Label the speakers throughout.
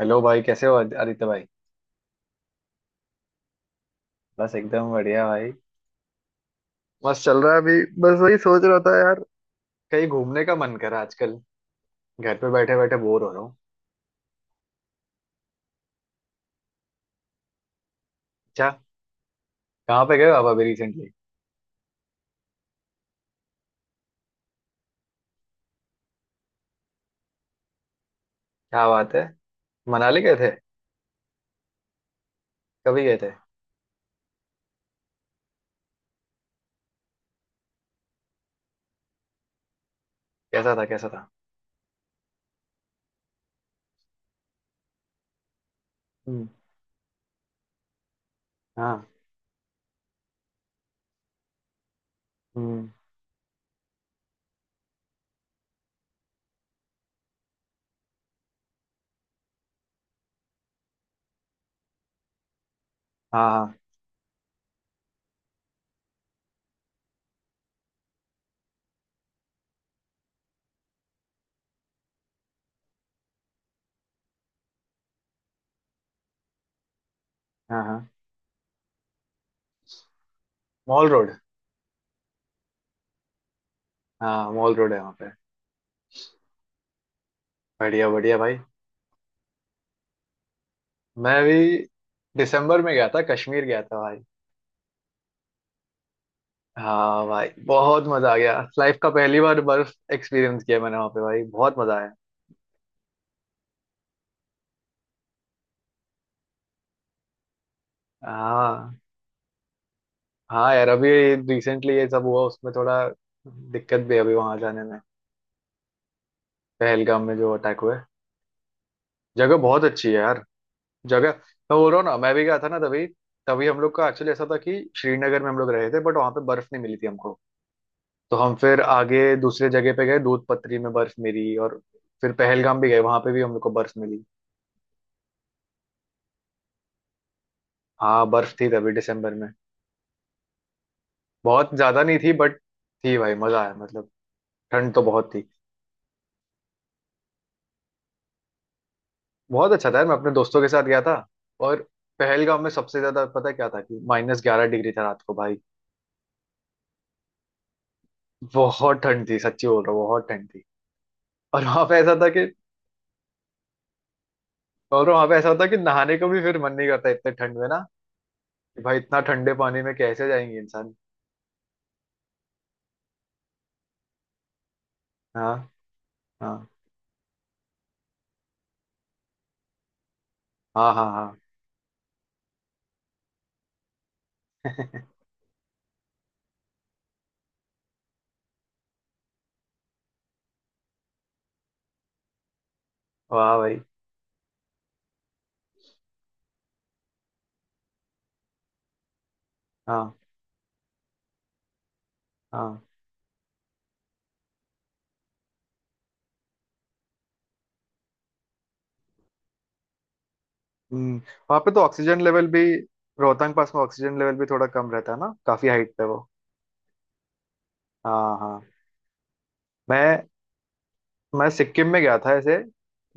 Speaker 1: Hello भाई, कैसे हो आदित्य भाई। बस एकदम बढ़िया भाई। मस्त चल रहा है अभी। बस वही सोच रहा था यार, कहीं घूमने का मन करा आजकल। घर पे बैठे बैठे बोर हो रहा हूँ। अच्छा, कहाँ पे गए हो आप अभी रिसेंटली? क्या बात है, मनाली गए थे? कभी गए थे? कैसा था कैसा था? हम्म। हाँ। हम्म। हाँ हाँ हाँ हाँ। Mall road. हाँ, मॉल रोड है वहाँ पे। बढ़िया बढ़िया भाई। मैं भी दिसंबर में गया था, कश्मीर गया था भाई। हाँ भाई, बहुत मजा आ गया। लाइफ का पहली बार बर्फ एक्सपीरियंस किया मैंने वहाँ पे भाई, बहुत मजा आया। हाँ। हाँ यार, अभी रिसेंटली ये सब हुआ, उसमें थोड़ा दिक्कत भी है अभी वहां जाने में। पहलगाम में जो अटैक हुए। जगह बहुत अच्छी है यार। जगह मैं बोल रहा हूँ ना, मैं भी गया था ना तभी। तभी हम लोग का एक्चुअली ऐसा था कि श्रीनगर में हम लोग रहे थे, बट वहां पे बर्फ नहीं मिली थी हमको। तो हम फिर आगे दूसरे जगह पे गए, दूध पत्री में बर्फ मिली। और फिर पहलगाम भी गए, वहां पे भी हम लोग को बर्फ मिली। हाँ बर्फ थी, तभी दिसंबर में। बहुत ज्यादा नहीं थी बट। थी भाई, मजा आया मतलब। ठंड तो बहुत थी। बहुत अच्छा था यार, मैं अपने दोस्तों के साथ गया था। और पहलगाम में सबसे ज्यादा पता है क्या था कि -11 डिग्री था रात को भाई। बहुत ठंड थी, सच्ची बोल रहा हूँ, बहुत ठंड थी। और वहां पे ऐसा था कि और वहां पे ऐसा होता कि नहाने को भी फिर मन नहीं करता इतने ठंड में ना, कि भाई इतना ठंडे पानी में कैसे जाएंगे इंसान। हाँ हाँ हाँ हाँ हाँ। वाह भाई। हाँ हाँ। हम्म। वहां पे तो ऑक्सीजन लेवल भी, रोहतांग पास में ऑक्सीजन लेवल भी थोड़ा कम रहता है ना, काफी हाइट पे वो। हाँ हाँ। मैं मैं सिक्किम में गया था ऐसे,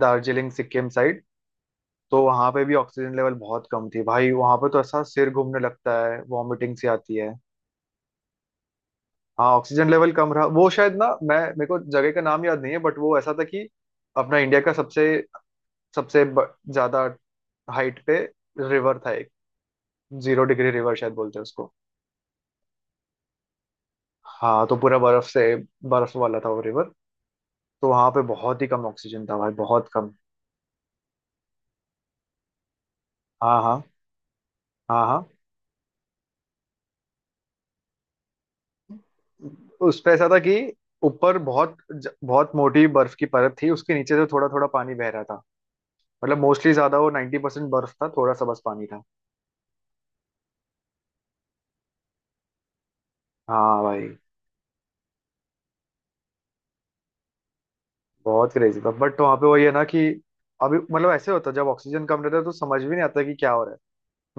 Speaker 1: दार्जिलिंग सिक्किम साइड। तो वहां पे भी ऑक्सीजन लेवल बहुत कम थी भाई, वहां पे तो ऐसा सिर घूमने लगता है, वॉमिटिंग सी आती है। हाँ ऑक्सीजन लेवल कम रहा। वो शायद ना, मैं मेरे को जगह का नाम याद नहीं है, बट वो ऐसा था कि अपना इंडिया का सबसे सबसे ज्यादा हाइट पे रिवर था एक। जीरो डिग्री रिवर शायद बोलते हैं उसको। हाँ तो पूरा बर्फ से, बर्फ वाला था वो रिवर। तो वहां पे बहुत ही कम ऑक्सीजन था भाई, बहुत कम। हाँ हाँ हाँ हाँ। उस पे ऐसा था कि ऊपर बहुत बहुत मोटी बर्फ की परत थी, उसके नीचे से थोड़ा थोड़ा पानी बह रहा था। मतलब मोस्टली ज्यादा वो 90% बर्फ था, थोड़ा सा बस पानी था। हाँ भाई। बहुत क्रेजी था, बट वहाँ पे वही है ना कि अभी मतलब ऐसे होता है, जब ऑक्सीजन कम रहता है तो समझ भी नहीं आता कि क्या हो रहा है।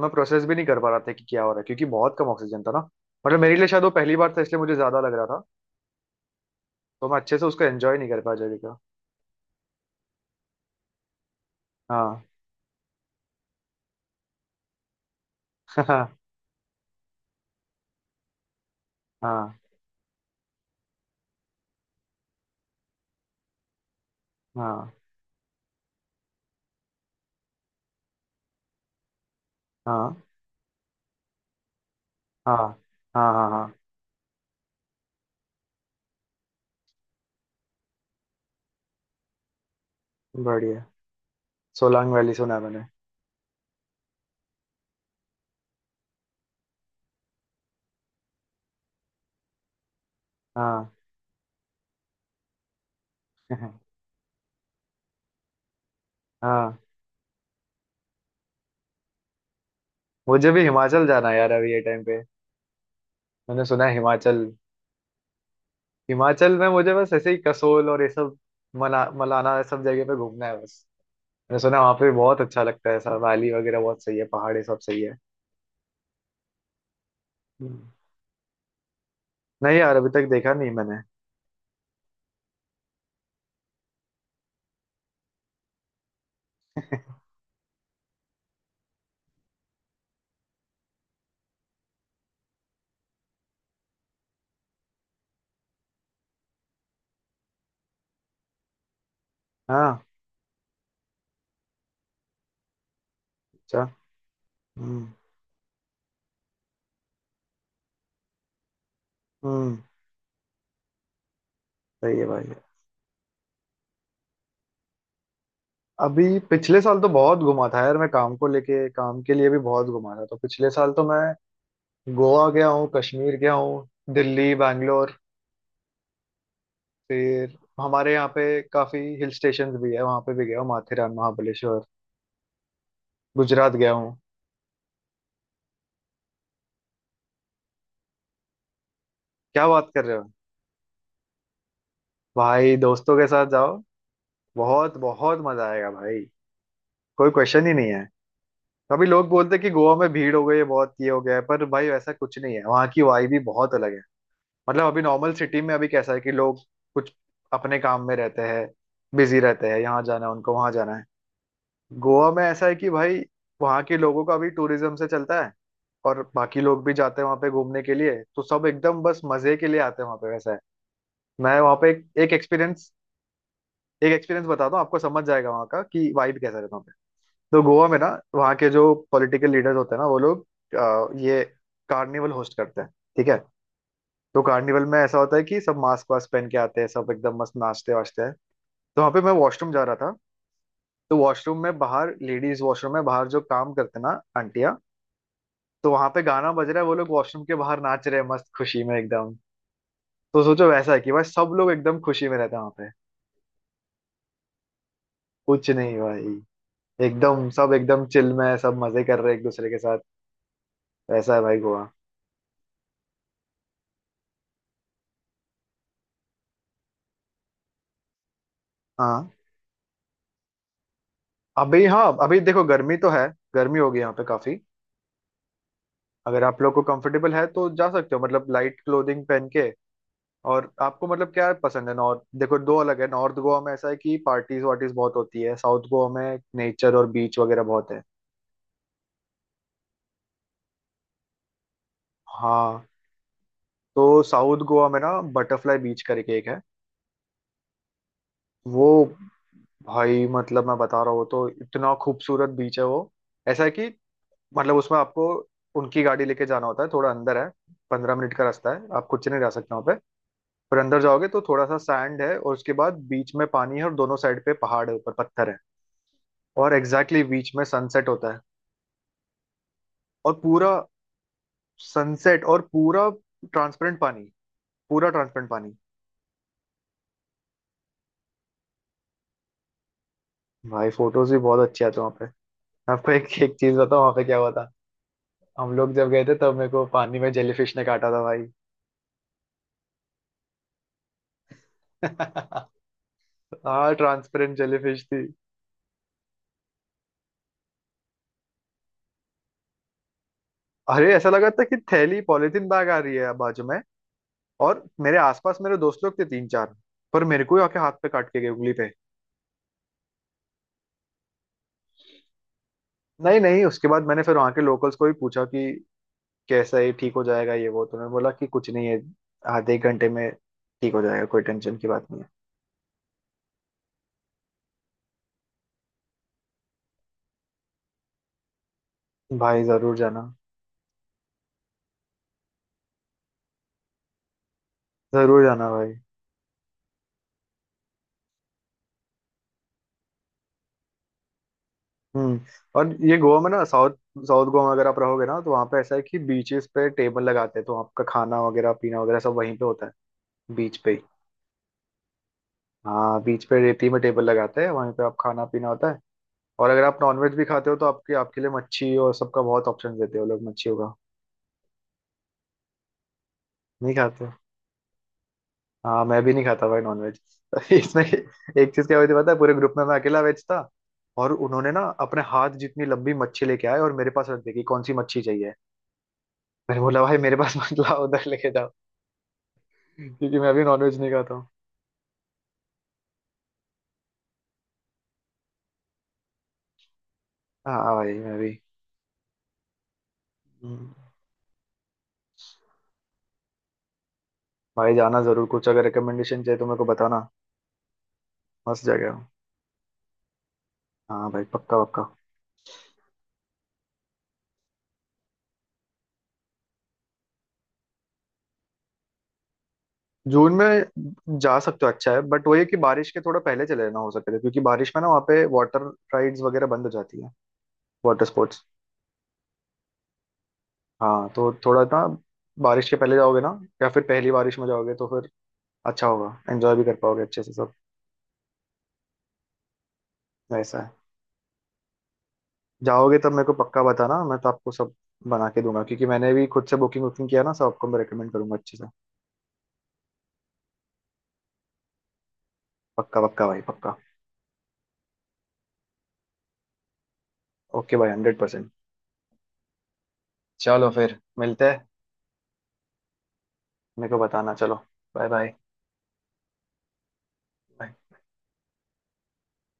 Speaker 1: मैं प्रोसेस भी नहीं कर पा रहा था कि क्या हो रहा है, क्योंकि बहुत कम ऑक्सीजन था ना। मतलब मेरे लिए शायद वो पहली बार था इसलिए मुझे ज्यादा लग रहा था। तो मैं अच्छे से उसको एंजॉय नहीं कर पाया जगह का। हाँ। हाँ हाँ हाँ हाँ हाँ हाँ हाँ हाँ। बढ़िया। सोलांग वैली सुना है मैंने। हाँ। हाँ, मुझे भी हिमाचल जाना है यार अभी ये टाइम पे। मैंने सुना है हिमाचल। हिमाचल में मुझे बस ऐसे ही कसोल और ये सब, मना मलाना, ये सब जगह पे घूमना है बस। मैंने सुना है वहाँ पे बहुत अच्छा लगता है सब, वैली वगैरह बहुत सही है, पहाड़ ये सब सही है। हम्म। नहीं यार, अभी तक देखा नहीं मैंने। हाँ। अच्छा। हम्म। हम्म। सही है भाई। अभी पिछले साल तो बहुत घुमा था यार मैं, काम को लेके काम के लिए भी बहुत घुमा था। तो पिछले साल तो मैं गोवा गया हूँ, कश्मीर गया हूँ, दिल्ली, बैंगलोर, फिर हमारे यहाँ पे काफी हिल स्टेशन भी है, वहां पे भी गया हूँ, माथेरान, महाबलेश्वर, गुजरात गया हूँ। क्या बात कर रहे हो। भाई दोस्तों के साथ जाओ। बहुत बहुत मजा आएगा भाई, कोई क्वेश्चन ही नहीं है। कभी लोग बोलते हैं कि गोवा में भीड़ हो गई है बहुत, ये हो गया है, पर भाई वैसा कुछ नहीं है। वहाँ की वाइब भी बहुत अलग है। मतलब अभी नॉर्मल सिटी में अभी कैसा है कि लोग कुछ अपने काम में रहते हैं, बिजी रहते हैं, यहाँ जाना है उनको, वहां जाना है। गोवा में ऐसा है कि भाई वहाँ के लोगों का भी टूरिज्म से चलता है, और बाकी लोग भी जाते हैं वहाँ पे घूमने के लिए, तो सब एकदम बस मजे के लिए आते हैं वहाँ पे, वैसा है। मैं वहाँ पे एक एक एक्सपीरियंस बताता हूँ, आपको समझ जाएगा वहाँ का कि वाइब कैसा रहता है वहाँ पे। तो गोवा में ना, वहाँ के जो पॉलिटिकल लीडर्स होते हैं ना वो लोग, ये कार्निवल होस्ट करते हैं, ठीक है? तो कार्निवल में ऐसा होता है कि सब मास्क वास्क पहन के आते हैं, सब एकदम मस्त नाचते वाचते हैं। तो वहाँ पे मैं वॉशरूम जा रहा था। तो वॉशरूम में बाहर, लेडीज वॉशरूम में बाहर जो काम करते हैं ना आंटियाँ, तो वहां पे गाना बज रहा है, वो लोग वॉशरूम के बाहर नाच रहे हैं, मस्त खुशी में एकदम। तो सोचो वैसा है कि भाई सब लोग एकदम खुशी में रहते हैं वहां पे, कुछ नहीं भाई। एकदम सब एकदम चिल में है, सब मजे कर रहे हैं एक दूसरे के साथ। वैसा है भाई गोवा। हाँ अभी। हाँ अभी देखो गर्मी तो है, गर्मी होगी यहाँ पे काफी। अगर आप लोग को कंफर्टेबल है तो जा सकते हो, मतलब लाइट क्लोथिंग पहन के। और आपको मतलब क्या पसंद है, नॉर्थ देखो दो अलग है, नॉर्थ गोवा में ऐसा है कि पार्टीज वार्टीज बहुत होती है, साउथ गोवा में नेचर और बीच वगैरह बहुत है। हाँ। तो साउथ गोवा में ना, बटरफ्लाई बीच करके एक है। वो भाई, मतलब मैं बता रहा हूँ, तो इतना खूबसूरत बीच है वो। ऐसा है कि मतलब उसमें आपको उनकी गाड़ी लेके जाना होता है, थोड़ा अंदर है। 15 मिनट का रास्ता है, आप खुद से नहीं जा सकते वहाँ पे। पर अंदर जाओगे तो थोड़ा सा सैंड है, और उसके बाद बीच में पानी है, और दोनों साइड पे पहाड़ है, ऊपर पत्थर है। और एग्जैक्टली बीच में सनसेट होता है। और पूरा सनसेट और पूरा ट्रांसपेरेंट पानी, पूरा ट्रांसपेरेंट पानी। भाई फोटोज भी बहुत अच्छे आते हैं वहाँ पे। मैं आपको एक एक चीज बताऊँ वहाँ पे क्या हुआ था। हम लोग जब गए थे तब मेरे को पानी में जेलीफिश ने काटा था भाई। हाँ ट्रांसपेरेंट जेलीफिश थी। अरे ऐसा लगा था कि थैली पॉलिथीन बैग आ रही है बाजू में। और मेरे आसपास मेरे दोस्त लोग थे तीन चार, पर मेरे को ही आके हाथ पे काट के गए, उंगली पे। नहीं नहीं, उसके बाद मैंने फिर वहां के लोकल्स को भी पूछा कि कैसा है, ठीक हो जाएगा ये वो? तो उन्होंने बोला कि कुछ नहीं है, आधे एक घंटे में ठीक हो जाएगा, कोई टेंशन की बात नहीं है। भाई जरूर जाना, जरूर जाना भाई। हम्म। और ये गोवा में ना साउथ, साउथ गोवा में अगर आप रहोगे ना, तो वहाँ पे ऐसा है कि बीचेस पे टेबल लगाते हैं, तो आपका खाना वगैरह पीना वगैरह सब वहीं पे होता है, बीच पे ही। हाँ बीच पे रेती में टेबल लगाते हैं, वहीं पे आप खाना पीना होता है। और अगर आप नॉनवेज भी खाते हो तो आपके आपके लिए मच्छी और सबका बहुत ऑप्शन देते हो लोग, मच्छियों का। नहीं खाते हो? हाँ मैं भी नहीं खाता भाई नॉनवेज। इसमें एक चीज क्या हुई थी पता है, पूरे ग्रुप में मैं अकेला वेज था। और उन्होंने ना अपने हाथ जितनी लंबी मच्छी लेके आए और मेरे पास रख दी कि कौन सी मच्छी चाहिए। मैंने बोला भाई मेरे पास मत लाओ, उधर लेके जाओ। क्योंकि मैं भी नॉनवेज नहीं खाता हूँ। हाँ भाई मैं भी। हम्म। भाई जाना जरूर, कुछ अगर रिकमेंडेशन चाहिए तो मेरे को बताना। मस्त जगह हो। हाँ भाई पक्का पक्का। जून में जा सकते हो, अच्छा है, बट वही है कि बारिश के थोड़ा पहले चले जाना हो सके तो, क्योंकि बारिश में ना वहाँ पे वाटर राइड्स वगैरह बंद हो जाती है, वाटर स्पोर्ट्स। हाँ तो थोड़ा ना, बारिश के पहले जाओगे ना, या फिर पहली बारिश में जाओगे तो फिर अच्छा होगा, एंजॉय भी कर पाओगे अच्छे से सब, ऐसा है। जाओगे तब मेरे को पक्का बताना, मैं तो आपको सब बना के दूंगा, क्योंकि मैंने भी खुद से बुकिंग वुकिंग किया ना, सबको मैं रिकमेंड करूंगा अच्छे से। पक्का पक्का भाई पक्का। ओके भाई 100%। चलो फिर मिलते हैं। मेरे को बताना, चलो बाय बाय।